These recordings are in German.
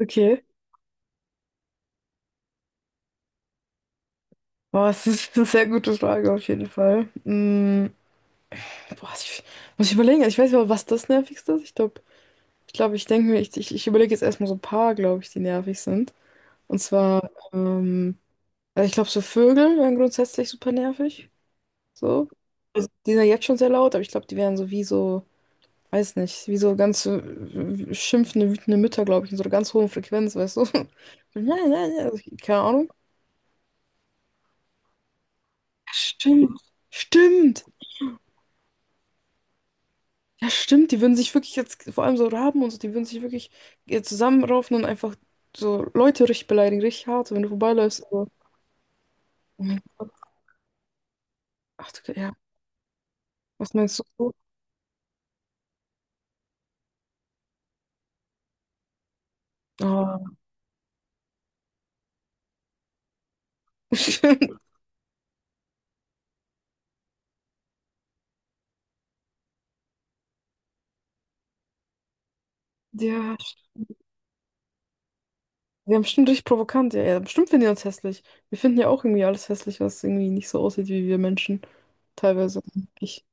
Okay. Boah, das ist eine sehr gute Frage auf jeden Fall. Boah, muss ich überlegen. Also, ich weiß nicht, was das Nervigste ist. Ich glaube, ich denke mir, ich überlege jetzt erstmal so ein paar, glaube ich, die nervig sind. Und zwar, also ich glaube, so Vögel wären grundsätzlich super nervig. So. Also, die sind ja jetzt schon sehr laut, aber ich glaube, die wären so wie so, weiß nicht, wie so ganz schimpfende, wütende Mütter, glaube ich, in so einer ganz hohen Frequenz, weißt du? Nein, nein, nein, also, keine Ahnung. Stimmt. Stimmt. Ja, stimmt, die würden sich wirklich jetzt, vor allem so Raben und so, die würden sich wirklich zusammenraufen und einfach so Leute richtig beleidigen, richtig hart, so wenn du vorbeiläufst. Aber, oh mein Gott, ach du, ja, was meinst du? Ah, stimmt, ja, wir haben bestimmt richtig provokant, ja, ja, bestimmt finden die uns hässlich. Wir finden ja auch irgendwie alles hässlich, was irgendwie nicht so aussieht wie wir Menschen. Teilweise. Ich.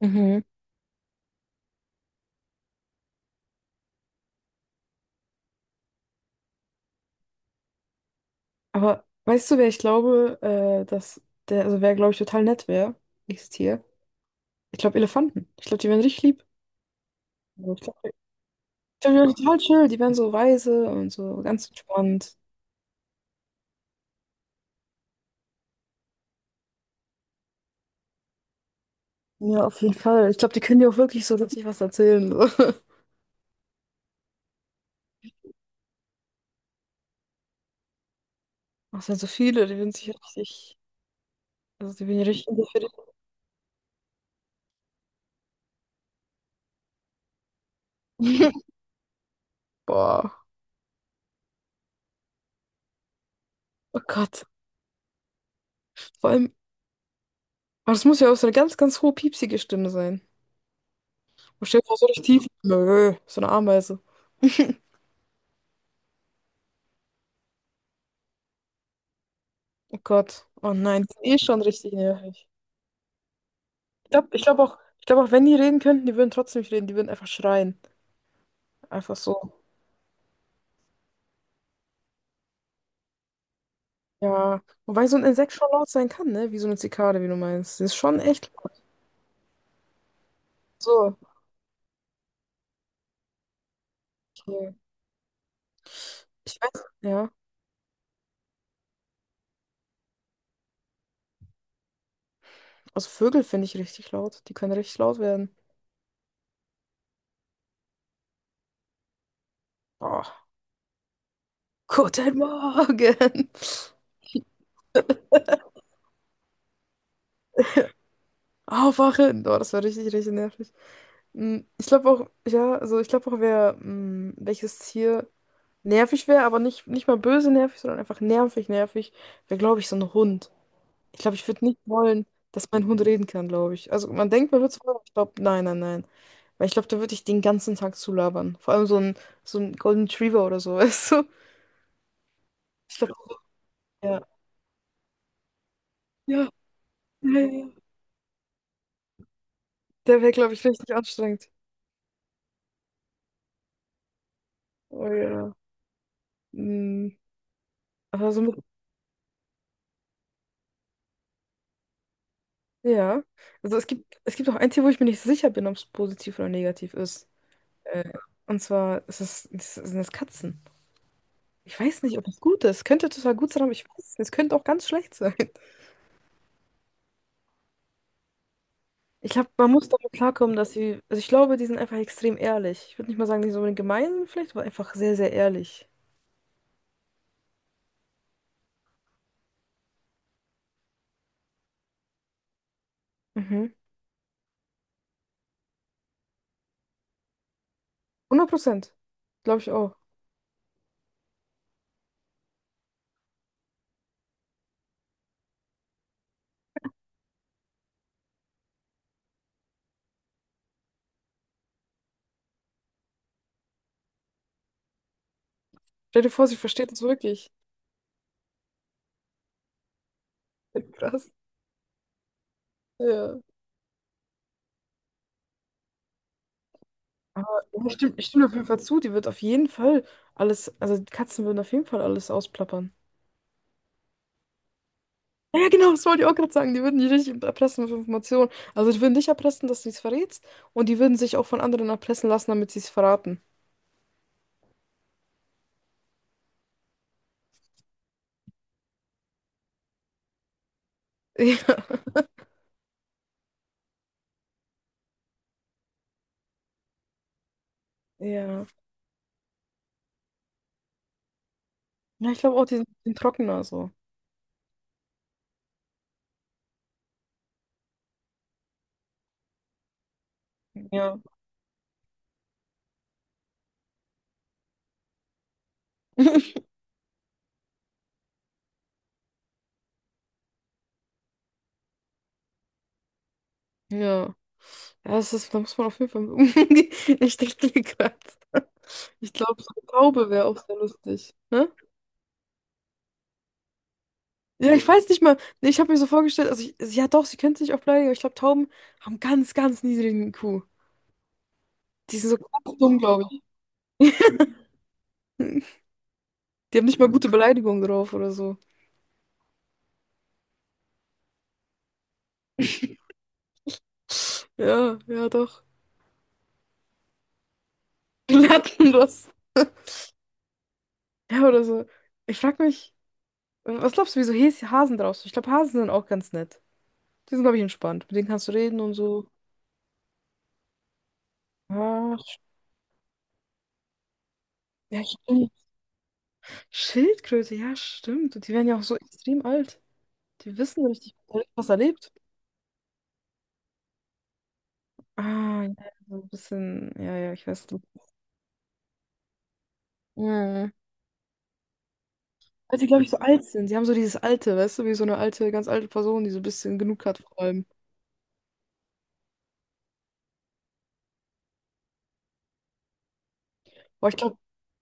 Mhm. Aber weißt du, wer ich glaube, dass der, also wer, glaube ich, total nett wäre, ist hier. Ich glaube, Elefanten. Ich glaube, die wären richtig lieb. Also, ich glaub, die werden total chill, die werden so weise und so ganz entspannt. Ja, auf jeden Fall. Ich glaube, die können dir auch wirklich so richtig was erzählen. So. Ach, es sind so viele, die würden sich richtig, also die würden ja richtig interessieren. Boah, oh Gott. Vor allem, aber das muss ja auch so eine ganz, ganz hohe, piepsige Stimme sein. Und stell dir vor, so richtig tief. Nö, so eine Ameise. Oh Gott. Oh nein, die sind eh schon richtig nervig. Ich glaube auch, wenn die reden könnten, die würden trotzdem nicht reden, die würden einfach schreien. Einfach so. Ja, wobei so ein Insekt schon laut sein kann, ne? Wie so eine Zikade, wie du meinst. Sie ist schon echt laut. So, okay. Ich weiß, ja. Also Vögel finde ich richtig laut. Die können richtig laut werden. Oh, guten Morgen. Aufwachen. Oh, das war richtig, richtig nervig. Ich glaube auch, ja, also ich glaube auch, wer, welches Tier nervig wäre, aber nicht, nicht mal böse nervig, sondern einfach nervig, nervig, wäre, glaube ich, so ein Hund. Ich glaube, ich würde nicht wollen, dass mein Hund reden kann, glaube ich. Also man denkt, man würde es wollen, aber ich glaube, nein, nein, nein. Weil ich glaube, da würde ich den ganzen Tag zulabern. Vor allem so ein Golden Retriever oder so, weißt du? Ich glaube, ja. Ja, ja, ja, ja. Der wäre, glaube ich, richtig anstrengend. Oh ja. Mm, Aber so mit, ja. Also es gibt auch ein Tier, wo ich mir nicht so sicher bin, ob es positiv oder negativ ist. Äh, und zwar ist es, ist, sind es Katzen. Ich weiß nicht, ob es gut ist. Könnte total gut sein, aber ich weiß es nicht. Es könnte auch ganz schlecht sein. Ich glaube, man muss damit klarkommen, dass sie, also ich glaube, die sind einfach extrem ehrlich. Ich würde nicht mal sagen, die sind unbedingt gemein vielleicht, aber einfach sehr, sehr ehrlich. Mhm. 100%. Glaube ich auch. Stell dir vor, sie versteht uns wirklich. Krass. Ja. Aber ich stimme auf jeden Fall zu, die wird auf jeden Fall alles, also die Katzen würden auf jeden Fall alles ausplappern. Ja, ja, genau, das wollte ich auch gerade sagen. Die würden dich richtig erpressen mit Informationen. Also die würden dich erpressen, dass du es verrätst und die würden sich auch von anderen erpressen lassen, damit sie es verraten. Ja. Ja. Ja, ich glaube auch, die sind trockener so. Ja. Ja. Ja, das ist, da muss man auf jeden Fall mit umgehen. Ich dachte mir gerade. Ich glaube, so eine Taube wäre auch sehr lustig. Ne? Ja, ich weiß nicht mal. Nee, ich habe mir so vorgestellt, also ich, ja doch, sie könnte sich auch bleiben, aber ich glaube, Tauben haben ganz, ganz niedrigen IQ. Die sind so ganz dumm, glaube ich. Die haben nicht mal gute Beleidigungen drauf oder so. Ja, ja, doch. Lattenrost. Ja, oder so. Ich frag mich, was glaubst du, wieso Hasen drauf sind? Ich glaube, Hasen sind auch ganz nett. Die sind, glaube ich, entspannt. Mit denen kannst du reden und so. Ja, ja, stimmt. Schildkröte, ja, stimmt. Die werden ja auch so extrem alt. Die wissen richtig, was er lebt. Ah, ja, so ein bisschen, ja, ja, ich weiß. Mhm. Weil sie, glaube ich, so alt sind. Sie haben so dieses Alte, weißt du, wie so eine alte, ganz alte Person, die so ein bisschen genug hat vor allem. Aber ich glaube,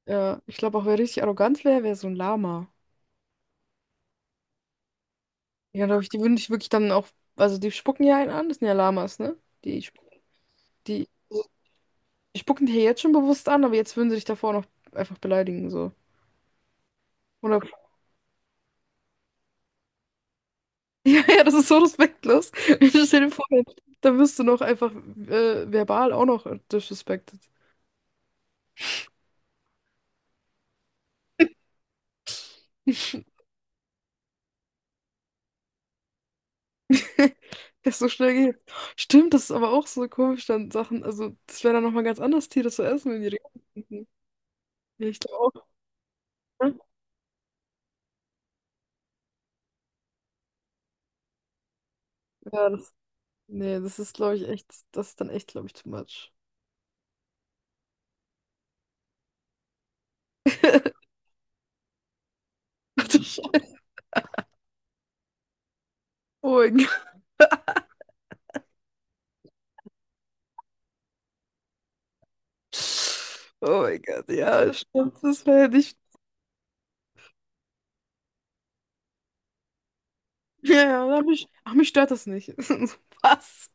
ja, ich glaube auch, wer richtig arrogant wäre, wäre so ein Lama. Ja, glaube ich, die würden dich wirklich dann auch, also die spucken ja einen an, das sind ja Lamas, ne? Die, die, die spucken dich ja jetzt schon bewusst an, aber jetzt würden sie dich davor noch einfach beleidigen, so. 100 Ja, das ist so respektlos. Ich stell dir vor, da wirst du noch einfach verbal auch noch disrespected. Das so schnell geht. Stimmt, das ist aber auch so komisch, dann Sachen, also das wäre dann nochmal ganz anders, Tiere zu essen, wenn die Regeln. Ja, ich glaube auch, ne? Ja, das, nee, das ist, glaube ich, echt, das ist dann echt, glaube ich, too much. Ach du Scheiße. Oh mein Gott. Oh mein Gott, ja, stimmt, das wäre ja nicht. Ja, ja, aber mich, ach, mich stört das nicht. Was?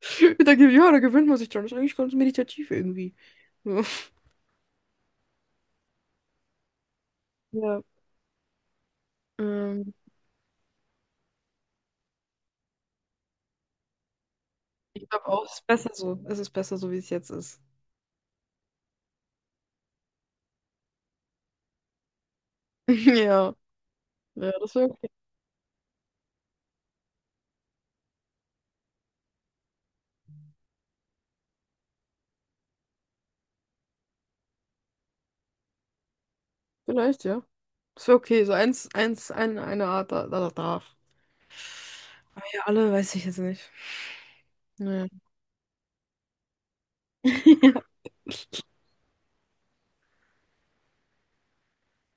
Da, ja, da gewöhnt man sich dran. Das ist eigentlich ganz meditativ irgendwie. So. Ja, Ähm, ich glaube auch, es ist besser so. Es ist besser so, wie es jetzt ist. Ja, ja, das wäre vielleicht, ja. Das wäre okay. So eins, eine Art da darf. Ja, alle weiß ich jetzt nicht. Naja,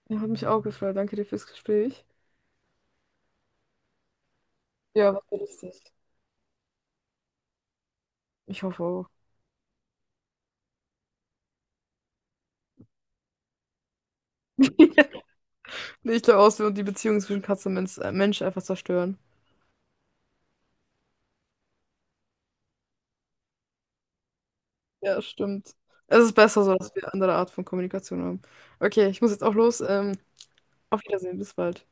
ja, hat mich auch gefreut. Danke dir fürs Gespräch. Ja, war sehr lustig. Ich hoffe auch. Ich glaube auch, es wird die Beziehung zwischen Katze und Mensch einfach zerstören. Ja, stimmt. Es ist besser so, dass wir eine andere Art von Kommunikation haben. Okay, ich muss jetzt auch los. Auf Wiedersehen, bis bald.